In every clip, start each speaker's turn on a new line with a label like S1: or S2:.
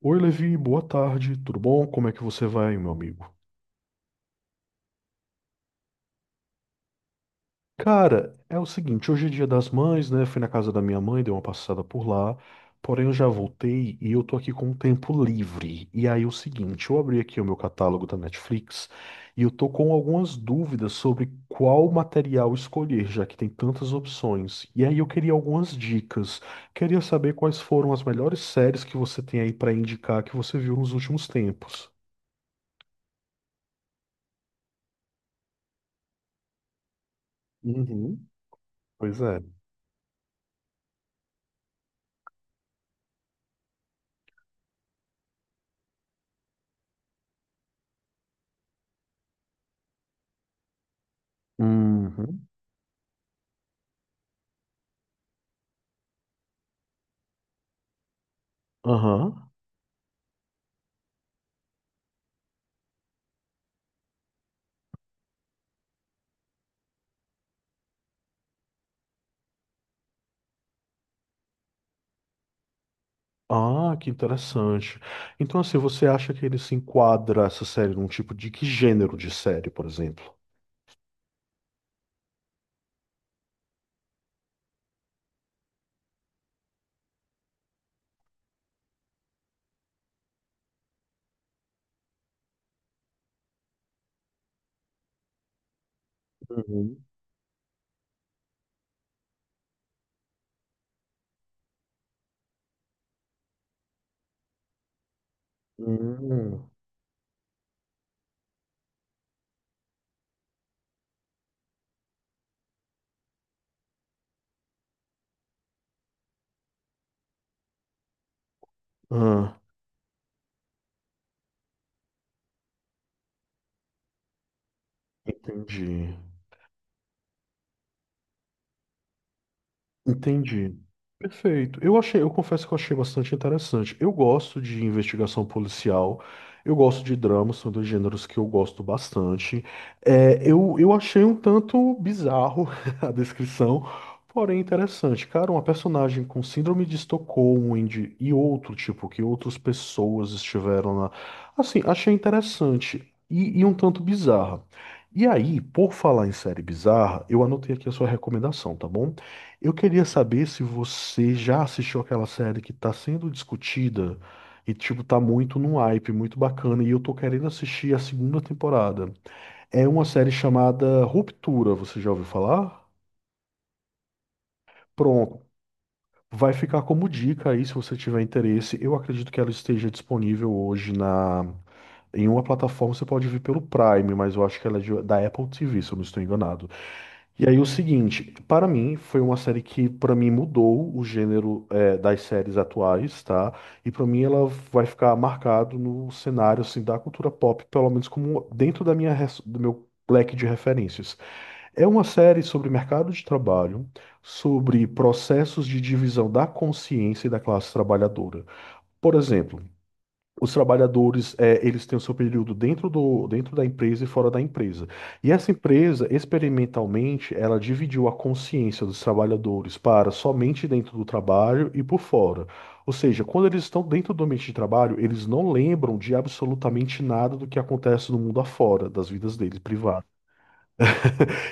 S1: Oi, Levi, boa tarde, tudo bom? Como é que você vai, meu amigo? Cara, é o seguinte, hoje é dia das mães, né? Fui na casa da minha mãe, dei uma passada por lá, porém eu já voltei e eu tô aqui com o tempo livre. E aí, o seguinte, eu abri aqui o meu catálogo da Netflix e eu tô com algumas dúvidas sobre qual material escolher, já que tem tantas opções. E aí, eu queria algumas dicas. Queria saber quais foram as melhores séries que você tem aí pra indicar que você viu nos últimos tempos. Uhum, pois é. Uhum. Aham. Ah, que interessante. Então, assim, você acha que ele se enquadra essa série num tipo de que gênero de série, por exemplo? Uhum. Hum. Ah, entendi. Entendi. Perfeito. Eu achei, eu confesso que eu achei bastante interessante. Eu gosto de investigação policial, eu gosto de drama, são dois gêneros que eu gosto bastante. É, eu achei um tanto bizarro a descrição, porém interessante. Cara, uma personagem com síndrome de Estocolmo e outro tipo, que outras pessoas estiveram lá. Assim, achei interessante e um tanto bizarra. E aí, por falar em série bizarra, eu anotei aqui a sua recomendação, tá bom? Eu queria saber se você já assistiu aquela série que está sendo discutida e, tipo, tá muito no hype, muito bacana, e eu tô querendo assistir a segunda temporada. É uma série chamada Ruptura, você já ouviu falar? Pronto. Vai ficar como dica aí, se você tiver interesse. Eu acredito que ela esteja disponível hoje na... em uma plataforma, você pode ver pelo Prime, mas eu acho que ela da Apple TV, se eu não estou enganado. E aí o seguinte, para mim foi uma série que para mim mudou o gênero das séries atuais, tá? E para mim ela vai ficar marcado no cenário assim da cultura pop, pelo menos como dentro da do meu leque de referências. É uma série sobre mercado de trabalho, sobre processos de divisão da consciência e da classe trabalhadora. Por exemplo, os trabalhadores, é, eles têm o seu período dentro da empresa e fora da empresa. E essa empresa, experimentalmente, ela dividiu a consciência dos trabalhadores para somente dentro do trabalho e por fora. Ou seja, quando eles estão dentro do ambiente de trabalho, eles não lembram de absolutamente nada do que acontece no mundo afora, das vidas deles privadas.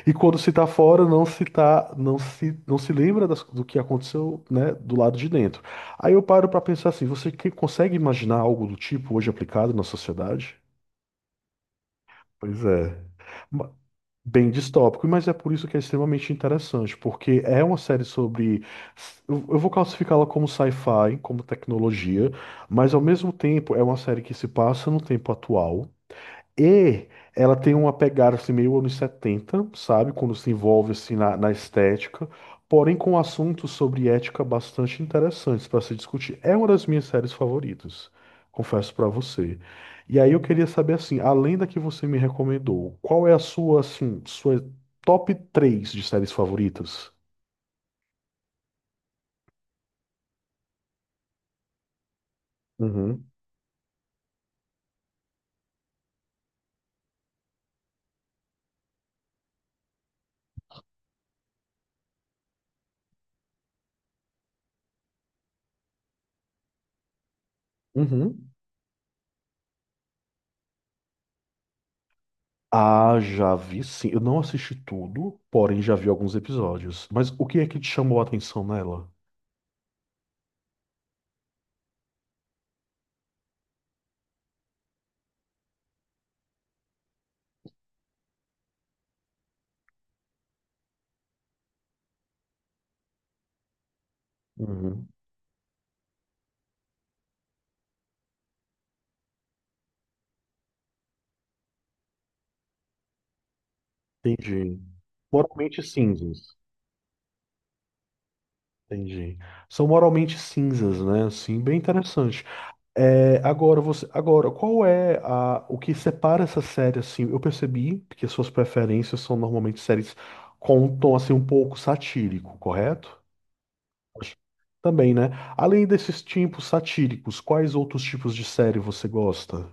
S1: E quando se está fora, não se tá, não se, não se lembra do que aconteceu, né, do lado de dentro. Aí eu paro para pensar assim, você consegue imaginar algo do tipo hoje aplicado na sociedade? Pois é. Ma- Bem distópico, mas é por isso que é extremamente interessante, porque é uma série sobre. Eu vou classificá-la como sci-fi, como tecnologia, mas ao mesmo tempo é uma série que se passa no tempo atual. E ela tem uma pegada assim, meio anos 70, sabe? Quando se envolve assim na estética, porém com assuntos sobre ética bastante interessantes para se discutir. É uma das minhas séries favoritas, confesso para você. E aí eu queria saber assim, além da que você me recomendou, qual é a sua assim, sua top 3 de séries favoritas? Uhum. Uhum. Ah, já vi sim. Eu não assisti tudo, porém já vi alguns episódios. Mas o que é que te chamou a atenção nela? Uhum. Entendi. Moralmente cinzas. Entendi. São moralmente cinzas, né? Sim, bem interessante. É, agora qual é a, o que separa essa série assim? Eu percebi que as suas preferências são normalmente séries com um tom assim um pouco satírico, correto? Acho- Também, né? Além desses tipos satíricos, quais outros tipos de série você gosta?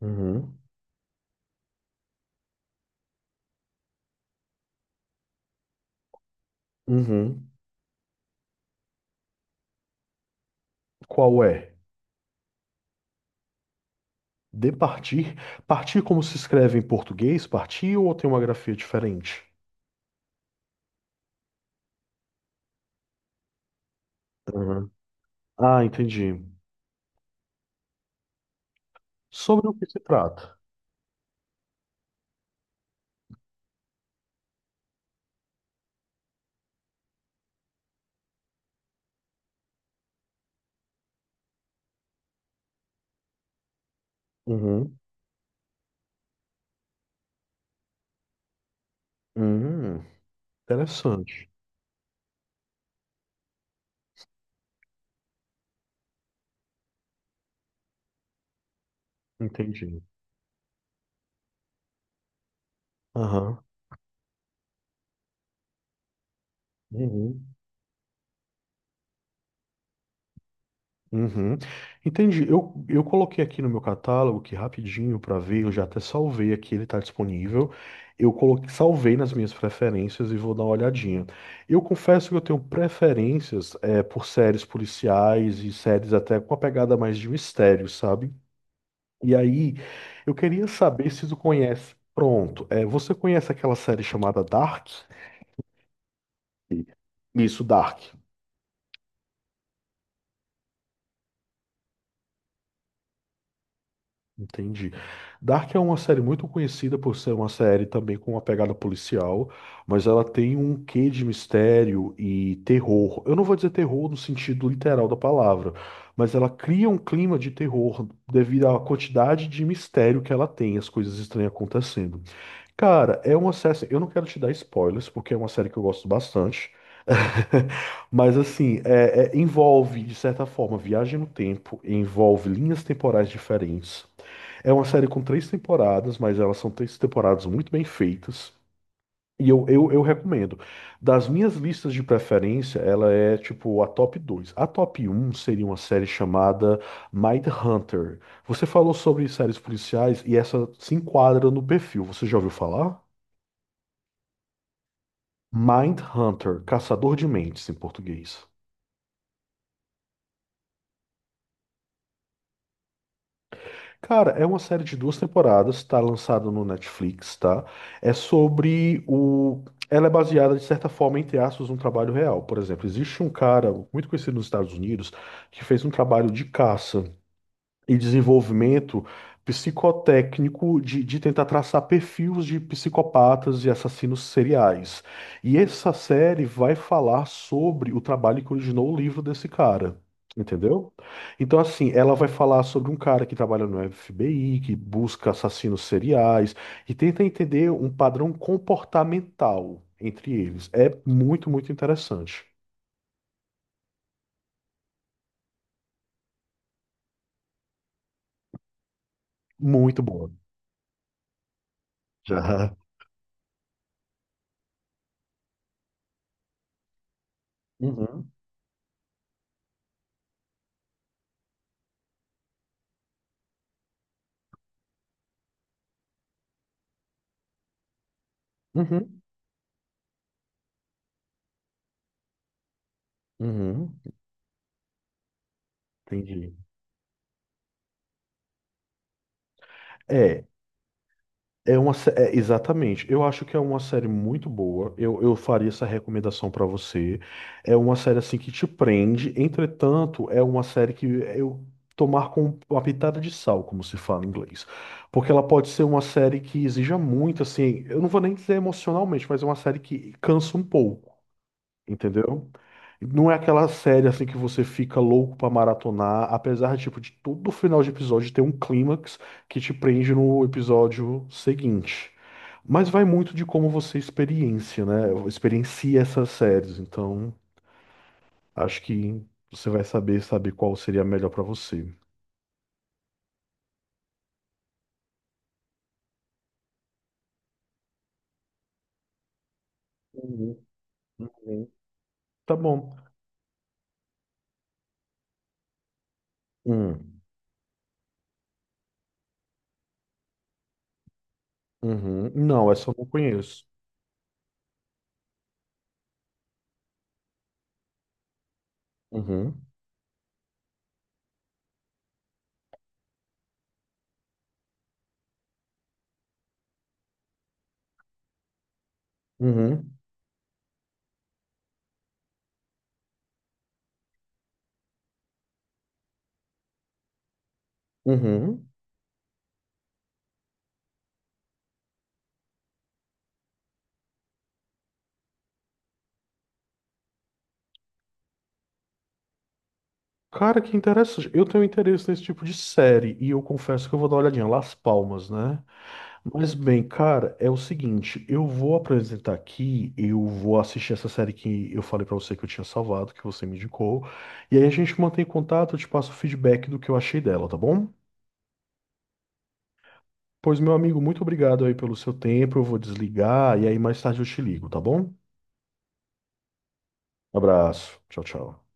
S1: Uhum. Uhum. Qual é? De partir? Partir como se escreve em português? Partir ou tem uma grafia diferente? Uhum. Ah, entendi. Sobre o que se trata? Uhum. Uhum. Interessante. Entendi. Aham. Uhum. Uhum. Entendi. Eu coloquei aqui no meu catálogo que rapidinho para ver, eu já até salvei aqui, ele está disponível. Eu coloquei, salvei nas minhas preferências e vou dar uma olhadinha. Eu confesso que eu tenho preferências é, por séries policiais e séries até com a pegada mais de mistério, sabe? E aí, eu queria saber se tu conhece. Pronto, é, você conhece aquela série chamada Dark? Isso, Dark. Entendi. Dark é uma série muito conhecida por ser uma série também com uma pegada policial, mas ela tem um quê de mistério e terror. Eu não vou dizer terror no sentido literal da palavra, mas ela cria um clima de terror devido à quantidade de mistério que ela tem, as coisas estranhas acontecendo. Cara, é uma série. Assim, eu não quero te dar spoilers, porque é uma série que eu gosto bastante. Mas, assim, envolve, de certa forma, viagem no tempo, envolve linhas temporais diferentes. É uma série com três temporadas, mas elas são três temporadas muito bem feitas. E eu recomendo. Das minhas listas de preferência, ela é tipo a top 2. A top um seria uma série chamada Mindhunter. Você falou sobre séries policiais e essa se enquadra no perfil. Você já ouviu falar? Mindhunter, Caçador de Mentes em português. Cara, é uma série de duas temporadas, tá lançado no Netflix, tá? É sobre o. Ela é baseada, de certa forma, entre aspas, num trabalho real. Por exemplo, existe um cara muito conhecido nos Estados Unidos que fez um trabalho de caça. E desenvolvimento psicotécnico de tentar traçar perfis de psicopatas e assassinos seriais. E essa série vai falar sobre o trabalho que originou o livro desse cara. Entendeu? Então, assim, ela vai falar sobre um cara que trabalha no FBI, que busca assassinos seriais e tenta entender um padrão comportamental entre eles. É muito interessante. Muito boa. Já. Uhum, uhum, uhum. Entendi. É, exatamente. Eu acho que é uma série muito boa. Eu faria essa recomendação pra você. É uma série assim que te prende. Entretanto, é uma série que eu tomar com uma pitada de sal, como se fala em inglês, porque ela pode ser uma série que exija muito, assim. Eu não vou nem dizer emocionalmente, mas é uma série que cansa um pouco. Entendeu? Não é aquela série assim que você fica louco pra maratonar, apesar tipo de todo final de episódio ter um clímax que te prende no episódio seguinte. Mas vai muito de como você experiencia, né? Experiencia essas séries, então acho que você vai saber qual seria a melhor pra você. Uhum, uhum. Tá bom. Hum, uhum. Não, essa eu não conheço. Uhum, uhum, uhum. Cara, que interessante. Eu tenho interesse nesse tipo de série e eu confesso que eu vou dar uma olhadinha. Las Palmas, né? Mas bem, cara, é o seguinte, eu vou apresentar aqui, eu vou assistir essa série que eu falei pra você que eu tinha salvado, que você me indicou, e aí a gente mantém contato, eu te passo o feedback do que eu achei dela, tá bom? Pois, meu amigo, muito obrigado aí pelo seu tempo. Eu vou desligar e aí mais tarde eu te ligo, tá bom? Abraço. Tchau, tchau.